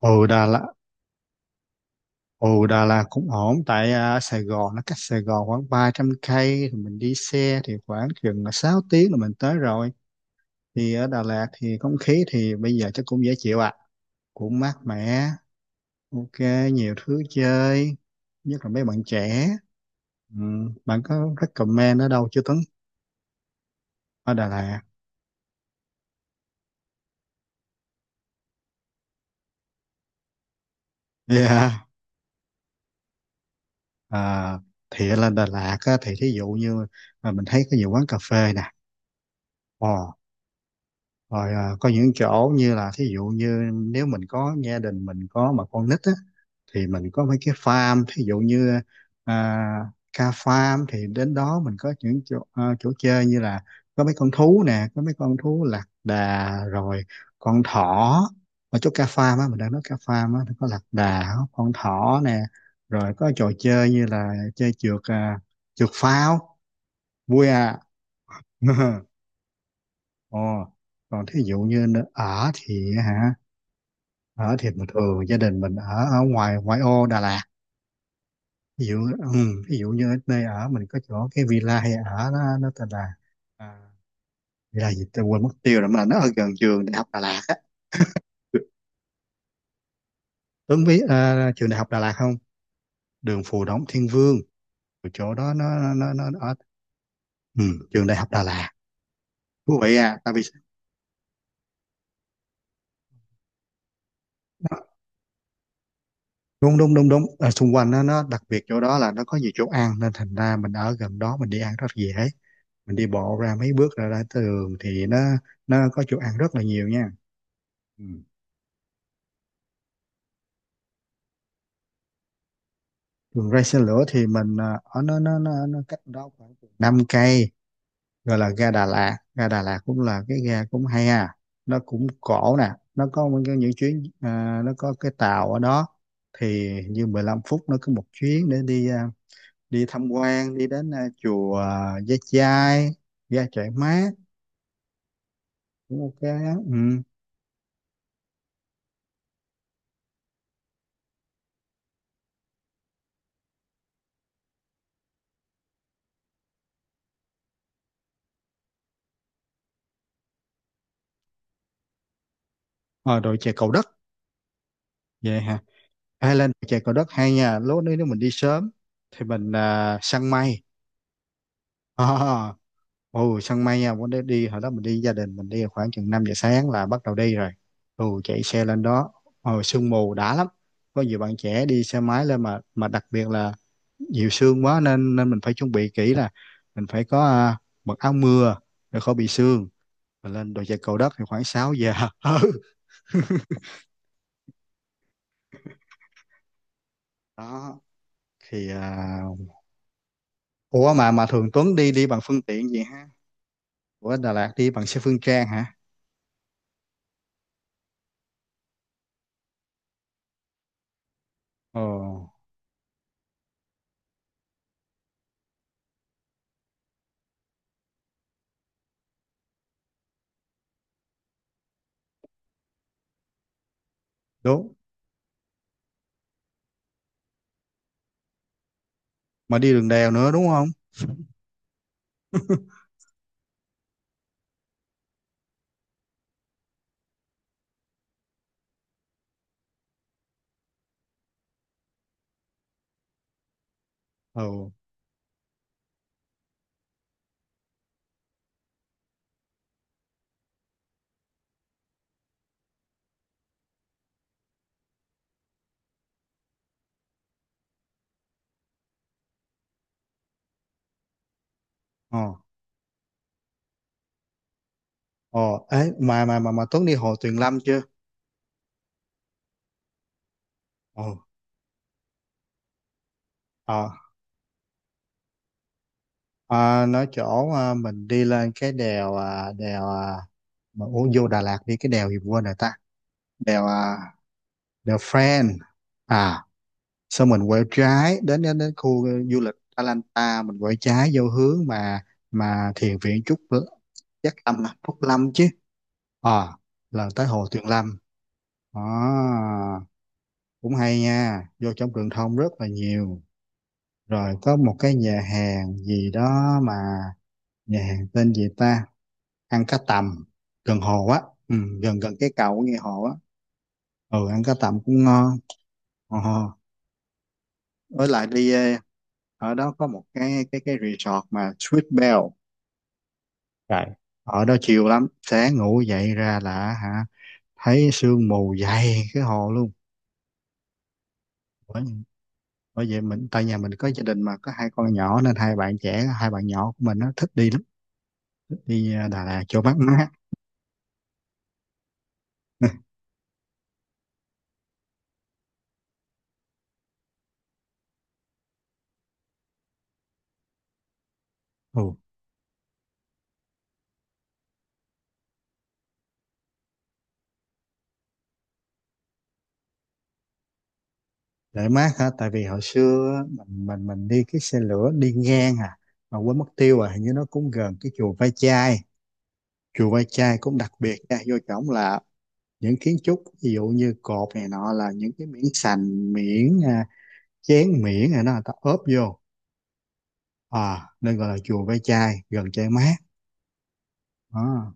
Ừ, Đà Lạt. Ừ, Đà Lạt cũng ổn tại Sài Gòn, nó cách Sài Gòn khoảng 300 cây thì mình đi xe thì khoảng chừng 6 tiếng là mình tới rồi. Thì ở Đà Lạt thì không khí thì bây giờ chắc cũng dễ chịu ạ à. Cũng mát mẻ, ok, nhiều thứ chơi, nhất là mấy bạn trẻ. Ừ, bạn có recommend ở đâu chưa Tuấn, ở Đà Lạt? Yeah. À, thì ở lên Đà Lạt á, thì thí dụ như là mình thấy có nhiều quán cà phê nè. Ồ, rồi có những chỗ như là thí dụ như nếu mình có gia đình, mình có mà con nít á, thì mình có mấy cái farm, thí dụ như à, ca farm, thì đến đó mình có những chỗ chơi như là có mấy con thú nè, có mấy con thú lạc đà rồi con thỏ. Ở chỗ ca farm á, mình đang nói ca farm á, nó có lạc đà, con thỏ nè, rồi có trò chơi như là chơi trượt pháo, vui à. Ồ, còn thí dụ như nơi ở thì hả, ở thì bình thường gia đình mình ở ở ngoài ngoại ô Đà Lạt. Ví dụ, ừ, ví dụ như ở đây ở mình có chỗ cái villa hay ở. Nó tên là à, villa gì tôi quên mất tiêu rồi, mà nó ở gần trường đại học Đà Lạt á. Tuấn biết trường đại học Đà Lạt không? Đường Phù Đổng Thiên Vương. Rồi chỗ đó nó ở, ừ, trường đại học Đà Lạt, thú vị à tại vì nó- đúng đúng đúng đúng. Ở xung quanh nó đặc biệt, chỗ đó là nó có nhiều chỗ ăn nên thành ra mình ở gần đó mình đi ăn rất dễ. Mình đi bộ ra mấy bước, ra ra tới đường thì nó có chỗ ăn rất là nhiều nha. Ừ. Đường ray xe lửa thì mình ở nó cách đó khoảng 5 cây, gọi là ga Đà Lạt. Ga Đà Lạt cũng là cái ga cũng hay à, nó cũng cổ nè, nó có những chuyến nó có cái tàu ở đó. Thì như 15 phút nó cứ một chuyến để đi tham quan, đi đến chùa Gia Chai, ga Trại Mát, cũng ok á. Ừ. Ờ, Rồi chè Cầu Đất vậy. Highland, chè Cầu Đất hay nha, lúc đấy nếu mình đi sớm thì mình săn mây. à, ồ, săn mây nha, bữa đấy đi hồi đó mình đi, gia đình mình đi khoảng chừng 5 giờ sáng là bắt đầu đi rồi. Ồ, chạy xe lên đó, ồ sương mù đã lắm. Có nhiều bạn trẻ đi xe máy lên, mà đặc biệt là nhiều sương quá nên nên mình phải chuẩn bị kỹ là mình phải có mặc áo mưa để khỏi bị sương. Mình lên đồi chè Cầu Đất thì khoảng 6 giờ. Ừ, đó thì ủa, mà thường Tuấn đi đi bằng phương tiện gì ha? Ủa, Đà Lạt đi bằng xe Phương Trang hả? Ồ, đúng. Mà đi đường đèo nữa đúng không? Ồ, ồ, ồ, ấy, mà Tuấn đi Hồ Tuyền Lâm chưa? Ồ, ờ, à, nói chỗ mình đi lên cái mà ủa, vô Đà Lạt đi cái đèo gì quên rồi ta? Đèo đèo Friend. À, sau mình quẹo trái đến đến, đến khu du lịch Atlanta, mình quẹo trái vô hướng mà thiền viện Trúc Chắc Lâm, à, Trúc Lâm chứ. Ờ, là tới Hồ Tuyền Lâm. À, cũng hay nha, vô trong truyền thông rất là nhiều. Rồi có một cái nhà hàng gì đó mà, nhà hàng tên gì ta? Ăn cá tầm gần hồ á, ừ, gần gần cái cầu của nghe hồ á. Ừ, ăn cá tầm cũng ngon. Ờ, với lại đi ở đó có một cái resort mà Sweet Bell. Rồi, ở đó chiều lắm, sáng ngủ dậy ra là hả, thấy sương mù dày cái hồ luôn. Bởi vậy mình, tại nhà mình có gia đình mà có hai con nhỏ nên hai bạn trẻ, hai bạn nhỏ của mình nó thích đi lắm, thích đi Đà Lạt cho mát mát. Ừ, để mát hả, tại vì hồi xưa á, mình đi cái xe lửa đi ngang à, mà quên mất tiêu, à hình như nó cũng gần cái chùa Ve Chai. Chùa Ve Chai cũng đặc biệt nha, vô trỏng là những kiến trúc ví dụ như cột này nọ là những cái miếng sành, miếng chén, miếng này nó người ta ốp vô, à nên gọi là chùa Ve Chai, gần Chai Mát. Đó,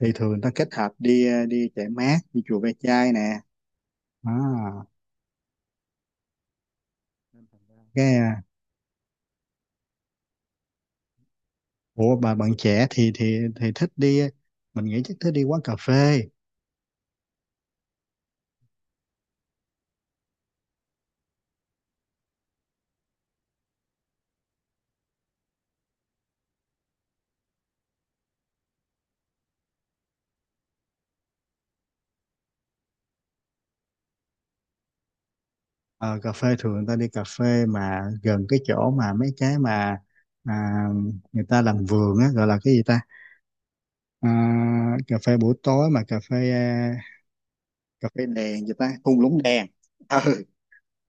thì thường người ta kết hợp đi chạy mát, đi chùa Ve Chai nè. À, cái ờ, ủa, bà bạn trẻ thì thích đi, mình nghĩ chắc thích đi quán cà phê. Ờ, cà phê, thường người ta đi cà phê mà gần cái chỗ mà mấy cái mà à, người ta làm vườn á, gọi là cái gì ta, cà phê buổi tối mà cà phê cà phê đèn gì ta, thung lũng đèn. Ừ,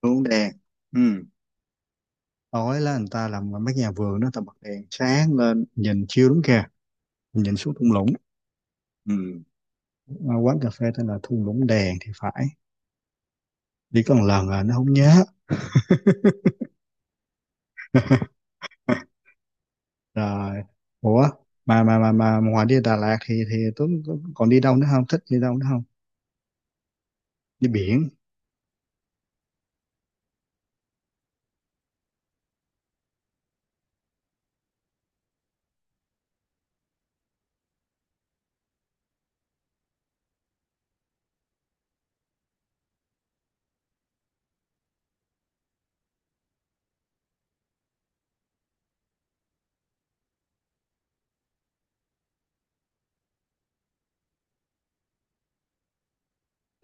thung lũng đèn. Ừ, tối là người ta làm mấy cái nhà vườn đó ta bật đèn sáng lên nhìn chiêu đúng kìa, mình nhìn xuống thung lũng. Ừ. À, quán cà phê tên là Thung Lũng Đèn thì phải. Đi có một lần à, nó không nhớ. Rồi, ủa, mà ngoài đi Đà Lạt thì Tuấn còn đi đâu nữa không? Thích đi đâu nữa không? Đi biển.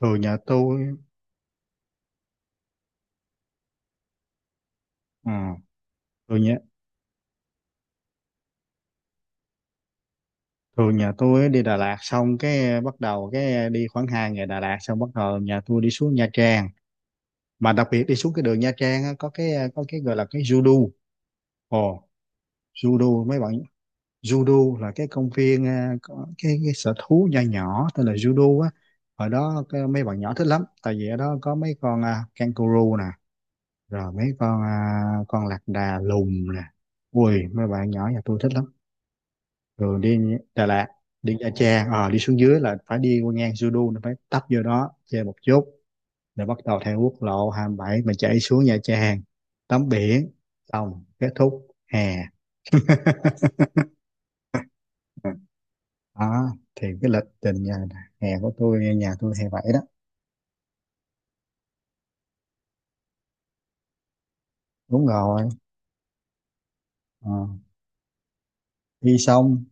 Thường nhà tôi ừ, thường nhà thường nhà tôi á, đi Đà Lạt xong cái bắt đầu cái đi khoảng 2 ngày Đà Lạt, xong bắt đầu nhà tôi đi xuống Nha Trang. Mà đặc biệt đi xuống cái đường Nha Trang á, có cái gọi là cái Judo. Ồ, Judo mấy bạn, judo là cái công viên, có cái sở thú nho nhỏ tên là judo á. Ở đó cái, mấy bạn nhỏ thích lắm tại vì ở đó có mấy con kangaroo nè, rồi mấy con con lạc đà lùn nè. Ui, mấy bạn nhỏ nhà tôi thích lắm. Rồi đi Đà Lạt, đi Nha Trang, ờ đi xuống dưới là phải đi qua ngang judo, nó phải tấp vô đó chơi một chút, rồi bắt đầu theo quốc lộ 27 mà chạy xuống Nha Trang, tắm biển, xong kết thúc hè. Đó, thì cái lịch trình nhà hè của tôi, nhà tôi hè bảy đó. Đúng rồi. Ờ, đi xong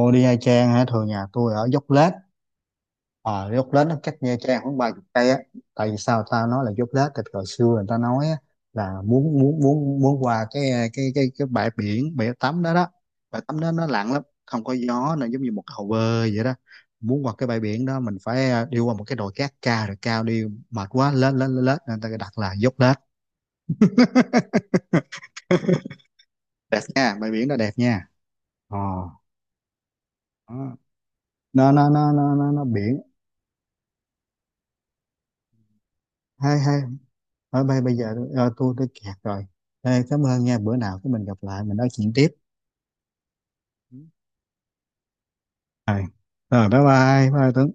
ô đi Nha Trang hả, thường nhà tôi ở Dốc Lết. Ờ, Dốc Lết nó cách Nha Trang khoảng 30 cây á. Tại vì sao tao nói là Dốc Lết, thì hồi xưa người ta nói á, là muốn muốn muốn muốn qua cái bãi biển, bãi tắm đó đó, bãi tắm đó nó lặng lắm, không có gió, nó giống như một cái hồ bơi vậy đó. Muốn qua cái bãi biển đó mình phải đi qua một cái đồi cát cao, rồi cao đi mệt quá lết lết lết lết, nên người ta đặt là Dốc Lết. Đẹp nha, bãi biển đó đẹp nha. Ờ, đó. Nó biển, hay hay. Thôi, bây bây giờ tôi kẹt rồi. Ê, cảm ơn nha, bữa nào cái mình gặp lại mình nói chuyện tiếp. Ừ. Rồi, rồi, bye bye bye Tuấn.